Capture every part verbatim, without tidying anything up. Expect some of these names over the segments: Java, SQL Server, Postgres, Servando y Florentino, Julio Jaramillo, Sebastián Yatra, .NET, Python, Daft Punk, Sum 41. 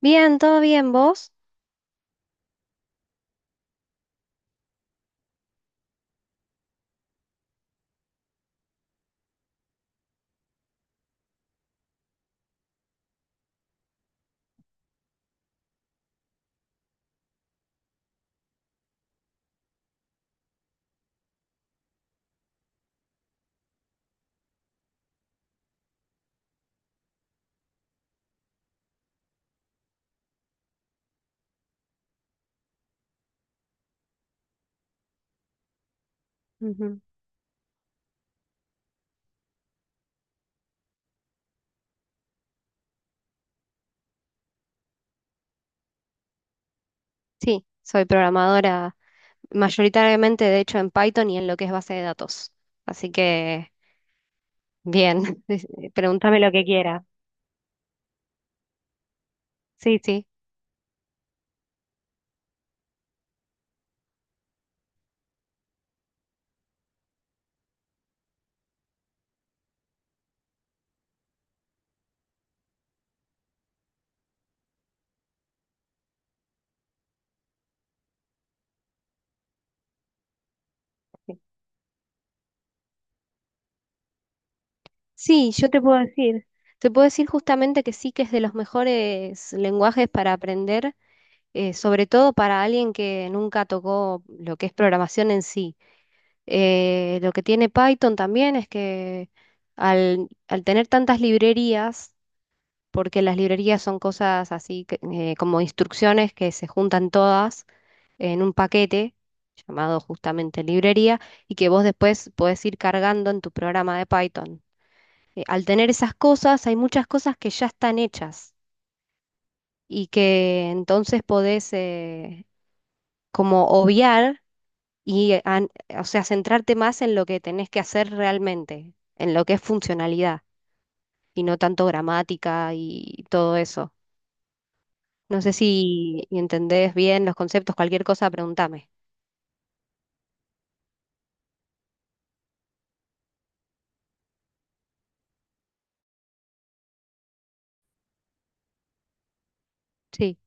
Bien, todo bien, ¿vos? Ujú. Sí, soy programadora mayoritariamente, de hecho, en Python y en lo que es base de datos. Así que, bien, pregúntame lo que quieras. Sí, sí. Sí, yo te puedo decir. Te puedo decir justamente que sí, que es de los mejores lenguajes para aprender, eh, sobre todo para alguien que nunca tocó lo que es programación en sí. Eh, lo que tiene Python también es que al, al tener tantas librerías, porque las librerías son cosas así que- eh, como instrucciones que se juntan todas en un paquete llamado justamente librería, y que vos después podés ir cargando en tu programa de Python. Eh, al tener esas cosas, hay muchas cosas que ya están hechas y que entonces podés eh, como obviar y, eh, an- o sea, centrarte más en lo que tenés que hacer realmente, en lo que es funcionalidad, y no tanto gramática y todo eso. No sé si entendés bien los conceptos, cualquier cosa, pregúntame. Sí,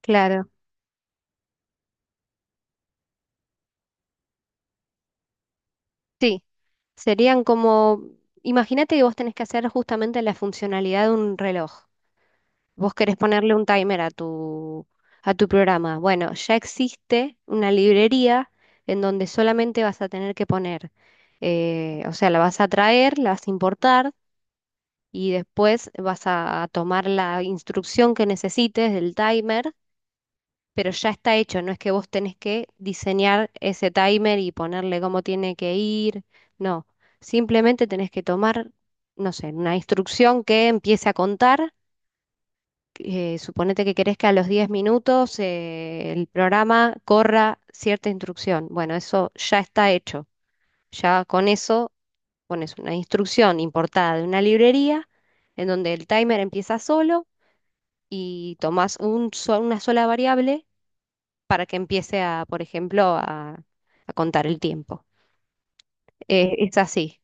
claro. Sí, serían como, imagínate que vos tenés que hacer justamente la funcionalidad de un reloj. Vos querés ponerle un timer a tu, a tu programa. Bueno, ya existe una librería en donde solamente vas a tener que poner, eh, o sea, la vas a traer, la vas a importar, y después vas a tomar la instrucción que necesites del timer, pero ya está hecho. No es que vos tenés que diseñar ese timer y ponerle cómo tiene que ir. No, simplemente tenés que tomar, no sé, una instrucción que empiece a contar. Eh, suponete que querés que a los diez minutos eh, el programa corra cierta instrucción. Bueno, eso ya está hecho. Ya con eso pones una instrucción importada de una librería en donde el timer empieza solo, y tomás un so- una sola variable para que empiece a, por ejemplo, a, a contar el tiempo. Eh, es así.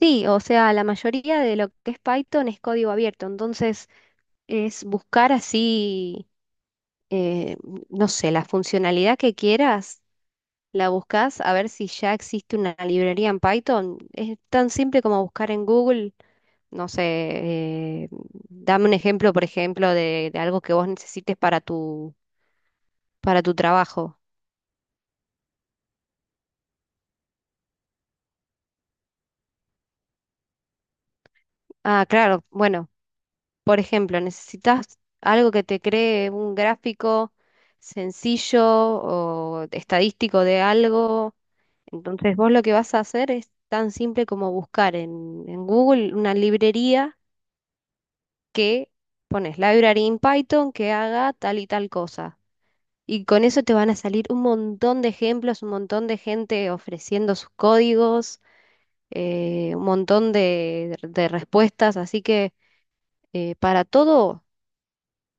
Sí, o sea, la mayoría de lo que es Python es código abierto. Entonces es buscar así, eh, no sé, la funcionalidad que quieras, la buscas a ver si ya existe una librería en Python. Es tan simple como buscar en Google, no sé, eh, dame un ejemplo, por ejemplo, de, de algo que vos necesites para tu, para tu trabajo. Ah, claro, bueno. Por ejemplo, necesitas algo que te cree un gráfico sencillo o estadístico de algo. Entonces vos lo que vas a hacer es tan simple como buscar en, en Google una librería que pones library in Python que haga tal y tal cosa. Y con eso te van a salir un montón de ejemplos, un montón de gente ofreciendo sus códigos, eh, un montón de, de respuestas. Así que eh, para todo,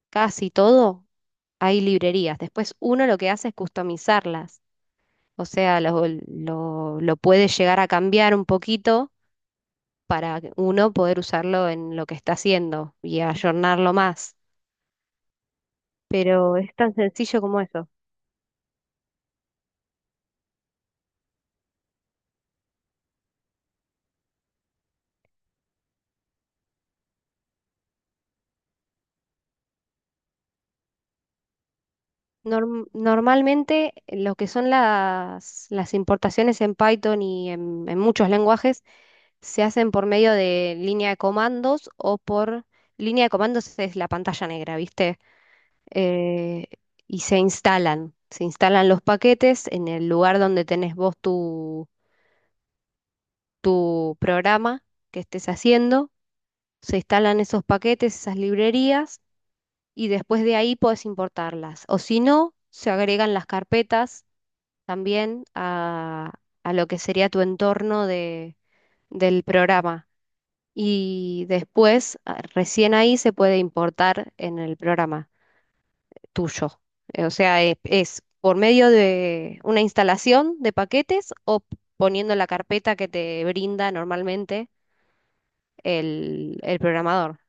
casi todo, hay librerías. Después uno lo que hace es customizarlas, o sea, lo, lo, lo puede llegar a cambiar un poquito para que uno poder usarlo en lo que está haciendo y ayornarlo más. Pero es tan sencillo como eso. Norm- normalmente lo que son las, las importaciones en Python y en, en muchos lenguajes, se hacen por medio de línea de comandos, o por línea de comandos es la pantalla negra, ¿viste? eh, y se instalan. Se instalan los paquetes en el lugar donde tenés vos tu, tu programa que estés haciendo. Se instalan esos paquetes, esas librerías, y después de ahí podés importarlas. O si no, se agregan las carpetas también a, a lo que sería tu entorno de, del programa. Y después, a- recién ahí se puede importar en el programa tuyo. Eh, O sea, e- es por medio de una instalación de paquetes o p- poniendo la carpeta que te brinda normalmente el, el programador.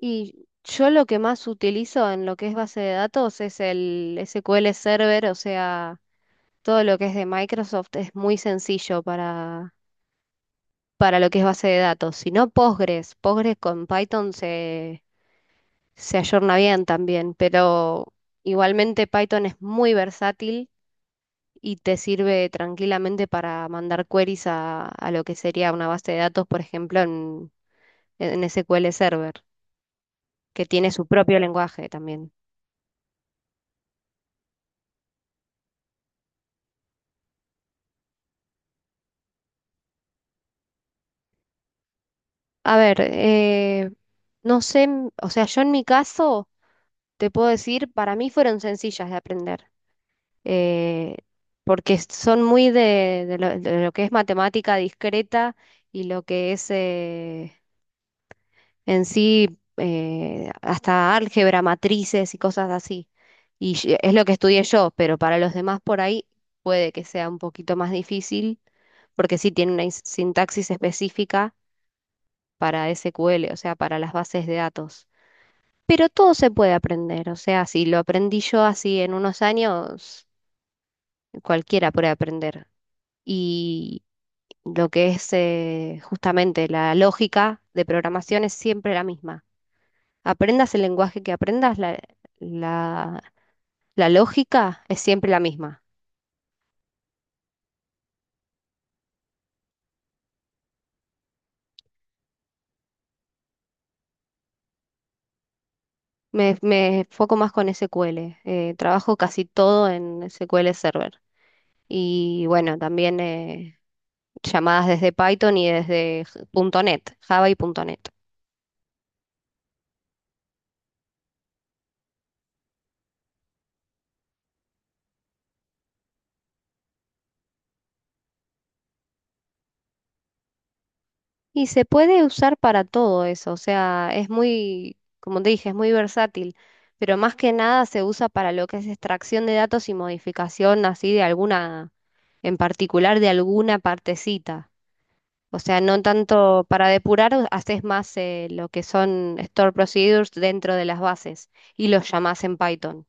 Y yo lo que más utilizo en lo que es base de datos es el S Q L Server. O sea, todo lo que es de Microsoft es muy sencillo para, para lo que es base de datos. Si no, Postgres. Postgres con Python se, se ayorna bien también, pero igualmente Python es muy versátil y te sirve tranquilamente para mandar queries a, a lo que sería una base de datos, por ejemplo, en, en S Q L Server, que tiene su propio lenguaje también. A ver, eh, no sé, m- o sea, yo en mi caso te puedo decir, para mí fueron sencillas de aprender, eh, porque son muy de, de lo, de lo que es matemática discreta y lo que es... eh, en sí, eh, hasta álgebra, matrices y cosas así. Y ll- es lo que estudié yo, pero para los demás por ahí puede que sea un poquito más difícil, porque sí tiene una is- sintaxis específica para S Q L, o sea, para las bases de datos. Pero todo se puede aprender, o sea, si lo aprendí yo así en unos años, cualquiera puede aprender. Y lo que es eh, justamente la lógica de programación es siempre la misma. Aprendas el lenguaje que aprendas, la, la- la lógica es siempre la misma. Me, me foco más con S Q L. eh, trabajo casi todo en S Q L Server. Y bueno, también eh, llamadas desde Python y desde j- punto .NET, Java y punto .NET. Y se puede usar para todo eso. O sea, es muy, como te dije, es muy versátil. Pero más que nada se usa para lo que es extracción de datos y modificación así de alguna, en particular de alguna partecita. O sea, no tanto para depurar, haces más eh, lo que son store procedures dentro de las bases, y los llamás en Python.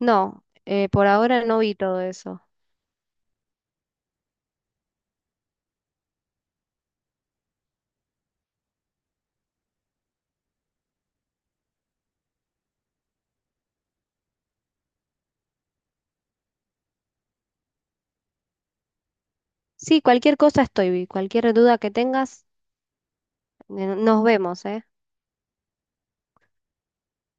No, eh, por ahora no vi todo eso. Sí, cualquier cosa estoy, cualquier duda que tengas, eh, nos vemos, ¿eh?